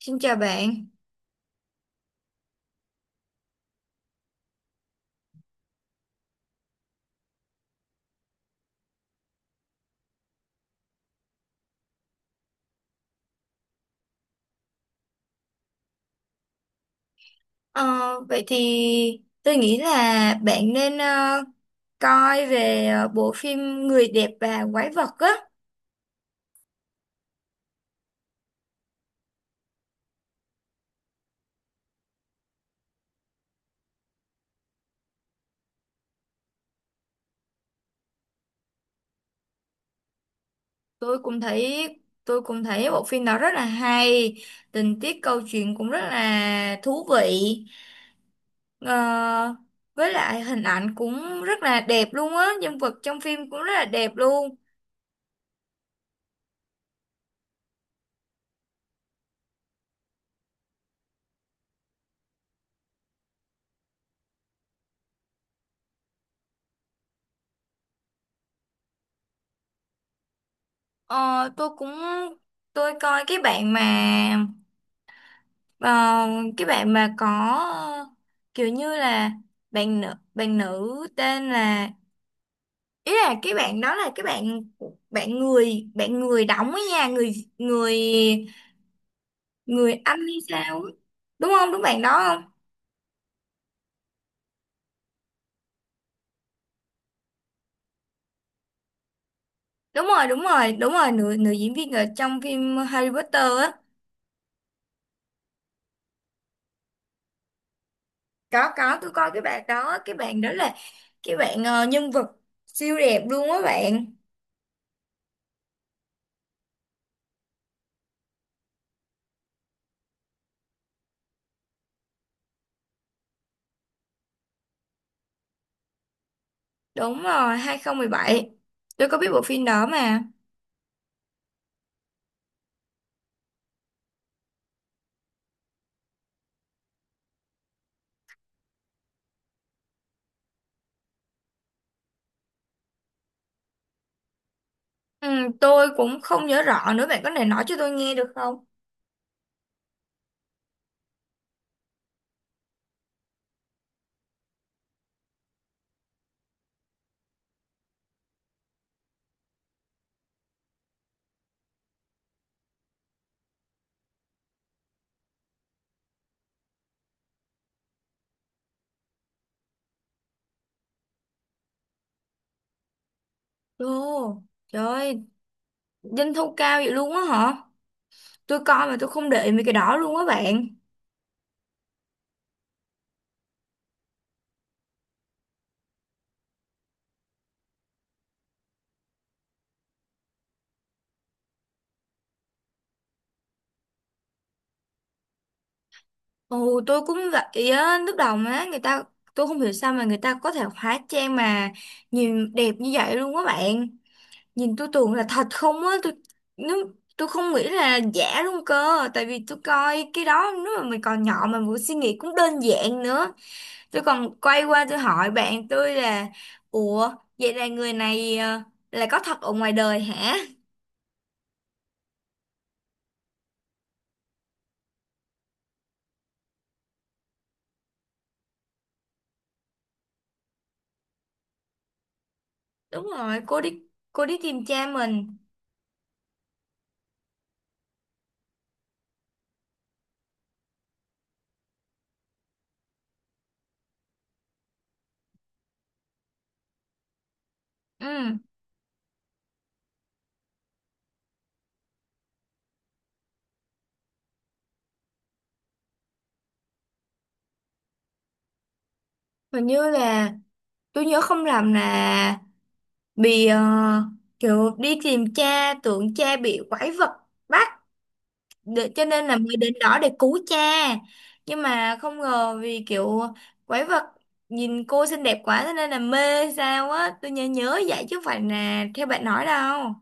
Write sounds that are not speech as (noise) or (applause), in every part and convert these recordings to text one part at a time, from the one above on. Xin chào bạn. Ờ, Vậy thì tôi nghĩ là bạn nên coi về bộ phim Người đẹp và quái vật á. Tôi cũng thấy tôi cũng thấy bộ phim đó rất là hay, tình tiết câu chuyện cũng rất là thú vị. Ờ, với lại hình ảnh cũng rất là đẹp luôn á, nhân vật trong phim cũng rất là đẹp luôn. Ờ, tôi cũng tôi coi cái bạn mà. Ờ, cái bạn mà có ờ, kiểu như là bạn nữ tên là, ý là cái bạn đó là cái bạn, bạn người đóng ấy nha, người người người Anh hay sao ấy. Đúng không, đúng bạn đó không? Đúng rồi, đúng rồi, đúng rồi, nữ nữ diễn viên ở trong phim Harry Potter á. Có, tôi coi cái bạn đó, cái bạn đó là cái bạn nhân vật siêu đẹp luôn á bạn. Đúng rồi, 2017, tôi có biết bộ phim đó mà. Ừ, tôi cũng không nhớ rõ nữa, bạn có thể nói cho tôi nghe được không? Ồ, trời ơi, doanh thu cao vậy luôn á hả? Tôi coi mà tôi không để ý mấy cái đó luôn á bạn. Ồ, tôi cũng vậy á, lúc đầu mà người ta, tôi không hiểu sao mà người ta có thể hóa trang mà nhìn đẹp như vậy luôn á bạn. Nhìn tôi tưởng là thật không á, tôi, nếu, tôi không nghĩ là giả luôn cơ, tại vì tôi coi cái đó nếu mà mình còn nhỏ mà mình suy nghĩ cũng đơn giản nữa. Tôi còn quay qua tôi hỏi bạn tôi là, ủa, vậy là người này là có thật ở ngoài đời hả? Đúng rồi, cô đi tìm cha mình. Ừ, hình như là tôi nhớ không lầm là bị kiểu đi tìm cha, tưởng cha bị quái vật bắt để, cho nên là mới đến đó để cứu cha, nhưng mà không ngờ vì kiểu quái vật nhìn cô xinh đẹp quá cho nên là mê sao á, tôi nhớ nhớ vậy chứ không phải là theo bạn nói đâu.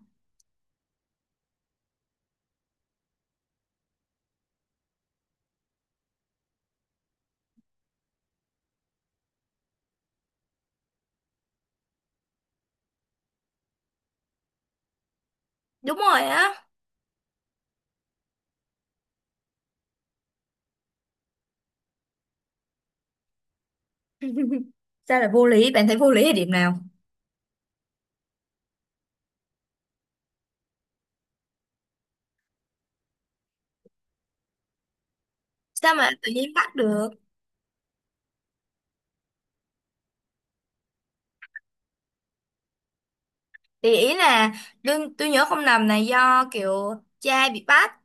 Đúng rồi á. (laughs) Sao lại vô lý? Bạn thấy vô lý ở điểm nào? Sao mà tự nhiên bắt được? Thì ý là đương, tôi nhớ không lầm là do kiểu cha bị bắt,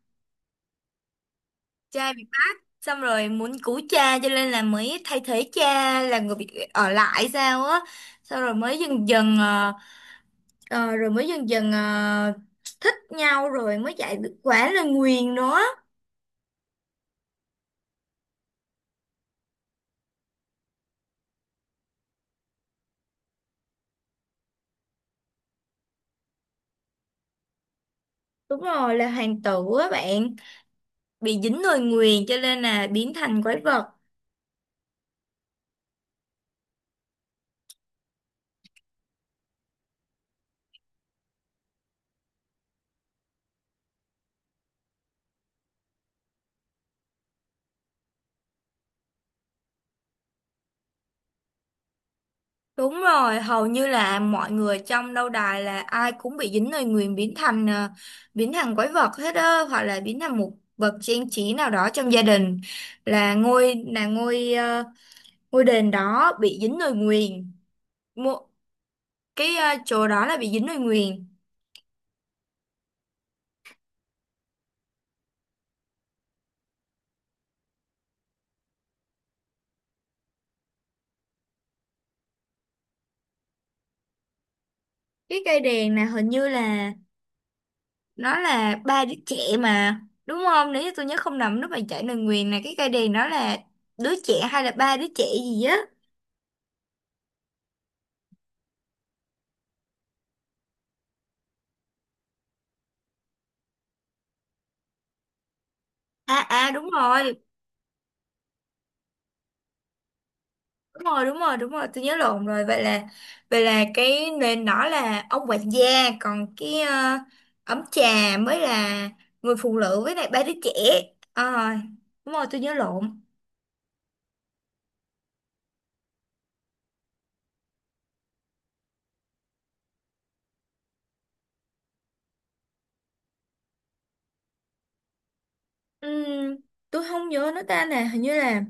cha bị bắt, xong rồi muốn cứu cha cho nên là mới thay thế cha là người bị ở lại sao á. Xong rồi mới dần dần rồi mới dần dần thích nhau rồi mới chạy được quả là nguyền đó. Đúng rồi, là hoàng tử á bạn, bị dính lời nguyền cho nên là biến thành quái vật. Đúng rồi, hầu như là mọi người trong lâu đài là ai cũng bị dính lời nguyền biến thành biến thành quái vật hết á, hoặc là biến thành một vật trang trí nào đó trong gia đình, là ngôi ngôi đền đó bị dính lời nguyền. Mộ cái chỗ đó là bị dính lời nguyền. Cái cây đèn là hình như là nó là ba đứa trẻ mà, đúng không? Nếu như tôi nhớ không nhầm, lúc mà chạy lời nguyền là cái cây đèn đó là đứa trẻ hay là ba đứa trẻ gì á. À à đúng rồi, đúng rồi, đúng rồi, đúng rồi, tôi nhớ lộn rồi. Vậy là cái nền đó là ông quản gia, còn cái ấm trà mới là người phụ nữ với lại ba đứa trẻ. Ờ, đúng rồi, tôi nhớ lộn. Ừm, tôi không nhớ nó ta nè, hình như là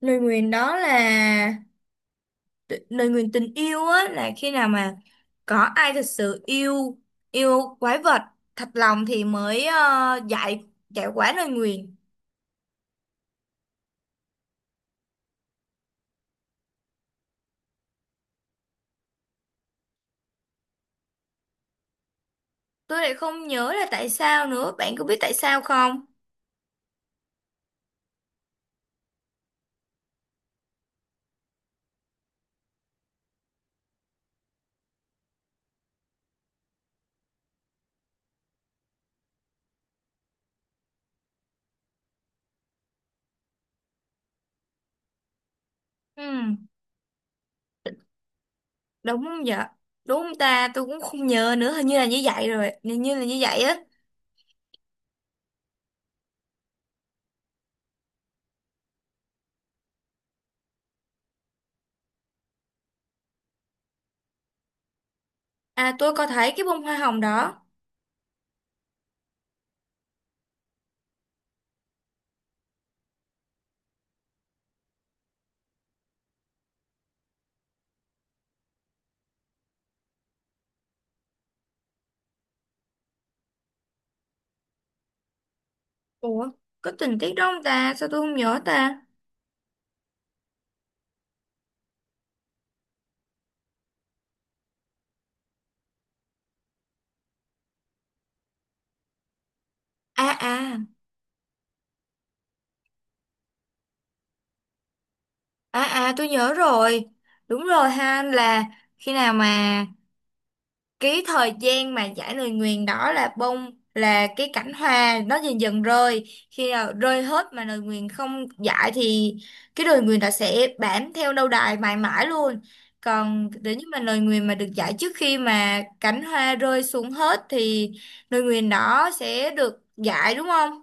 lời nguyền đó là lời nguyền tình yêu á, là khi nào mà có ai thật sự yêu, yêu quái vật thật lòng thì mới giải, giải quả lời nguyền. Tôi lại không nhớ là tại sao nữa, bạn có biết tại sao không? Ừ, đúng vậy. Đúng ta, tôi cũng không nhớ nữa, hình như là như vậy rồi, hình như là như vậy á. À, tôi có thấy cái bông hoa hồng đó. Ủa, có tình tiết đó không ta, sao tôi không nhớ ta? À à, à à, tôi nhớ rồi. Đúng rồi ha, là khi nào mà cái thời gian mà giải lời nguyền đó là bông, là cái cảnh hoa nó dần dần rơi, khi nào rơi hết mà lời nguyền không giải thì cái lời nguyền đó sẽ bám theo lâu đài mãi mãi luôn, còn nếu như mà lời nguyền mà được giải trước khi mà cảnh hoa rơi xuống hết thì lời nguyền đó sẽ được giải, đúng không?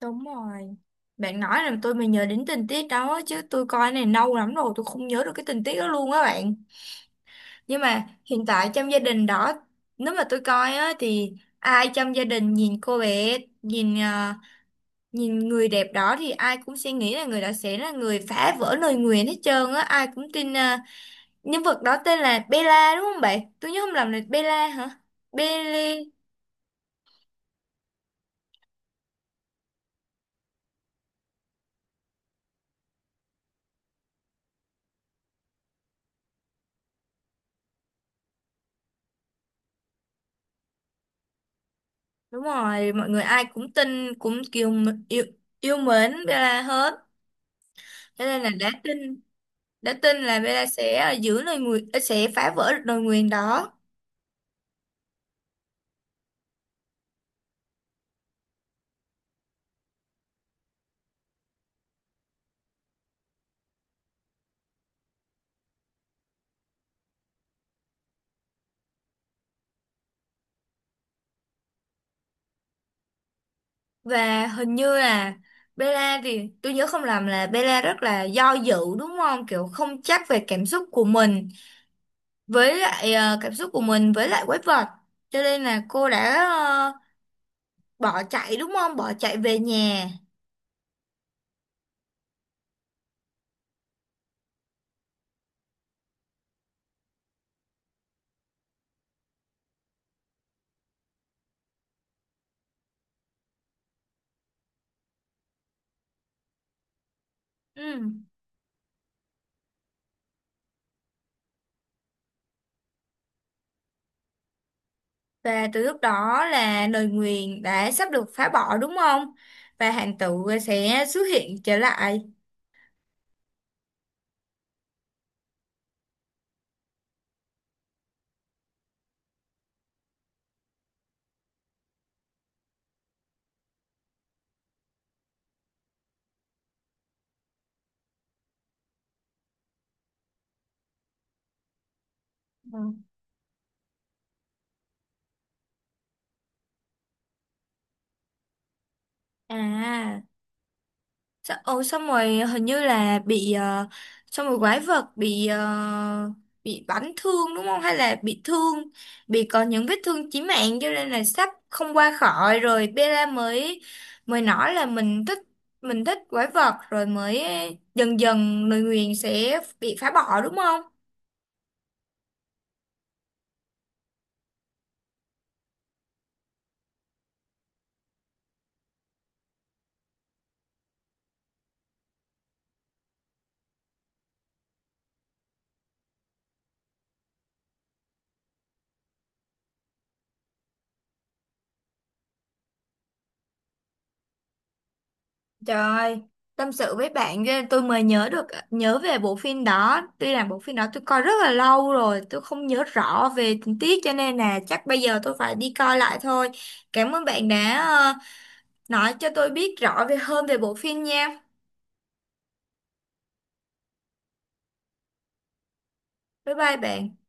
Đúng rồi, bạn nói là tôi mới nhớ đến tình tiết đó chứ tôi coi này lâu lắm rồi, tôi không nhớ được cái tình tiết đó luôn á bạn. Nhưng mà hiện tại trong gia đình đó, nếu mà tôi coi á, thì ai trong gia đình nhìn cô bé, nhìn nhìn người đẹp đó thì ai cũng sẽ nghĩ là người đó sẽ là người phá vỡ lời nguyền hết trơn á. Ai cũng tin nhân vật đó tên là Bella đúng không bạn? Tôi nhớ không lầm là Bella hả? Bella. Đúng rồi, mọi người ai cũng tin, cũng kiểu yêu, yêu mến Bella hết. Cho nên là đã tin là Bella sẽ giữ lời nguyền, sẽ phá vỡ lời nguyền đó. Và hình như là Bella thì tôi nhớ không lầm là Bella rất là do dự đúng không? Kiểu không chắc về cảm xúc của mình với lại cảm xúc của mình với lại quái vật. Cho nên là cô đã bỏ chạy đúng không? Bỏ chạy về nhà. Ừ. Và từ lúc đó là lời nguyền đã sắp được phá bỏ đúng không? Và hành tử sẽ xuất hiện trở lại. Ừ. À. Sa- Ồ xong rồi hình như là bị xong rồi quái vật bị bị bắn thương đúng không hay là bị thương, bị có những vết thương chí mạng cho nên là sắp không qua khỏi, rồi Bella mới, mới nói là mình thích, mình thích quái vật, rồi mới dần dần lời nguyền sẽ bị phá bỏ đúng không? Trời, tâm sự với bạn ghê, tôi mới nhớ được, nhớ về bộ phim đó. Tuy là bộ phim đó tôi coi rất là lâu rồi, tôi không nhớ rõ về tình tiết cho nên là chắc bây giờ tôi phải đi coi lại thôi. Cảm ơn bạn đã nói cho tôi biết rõ về hơn về bộ phim nha. Bye bye bạn.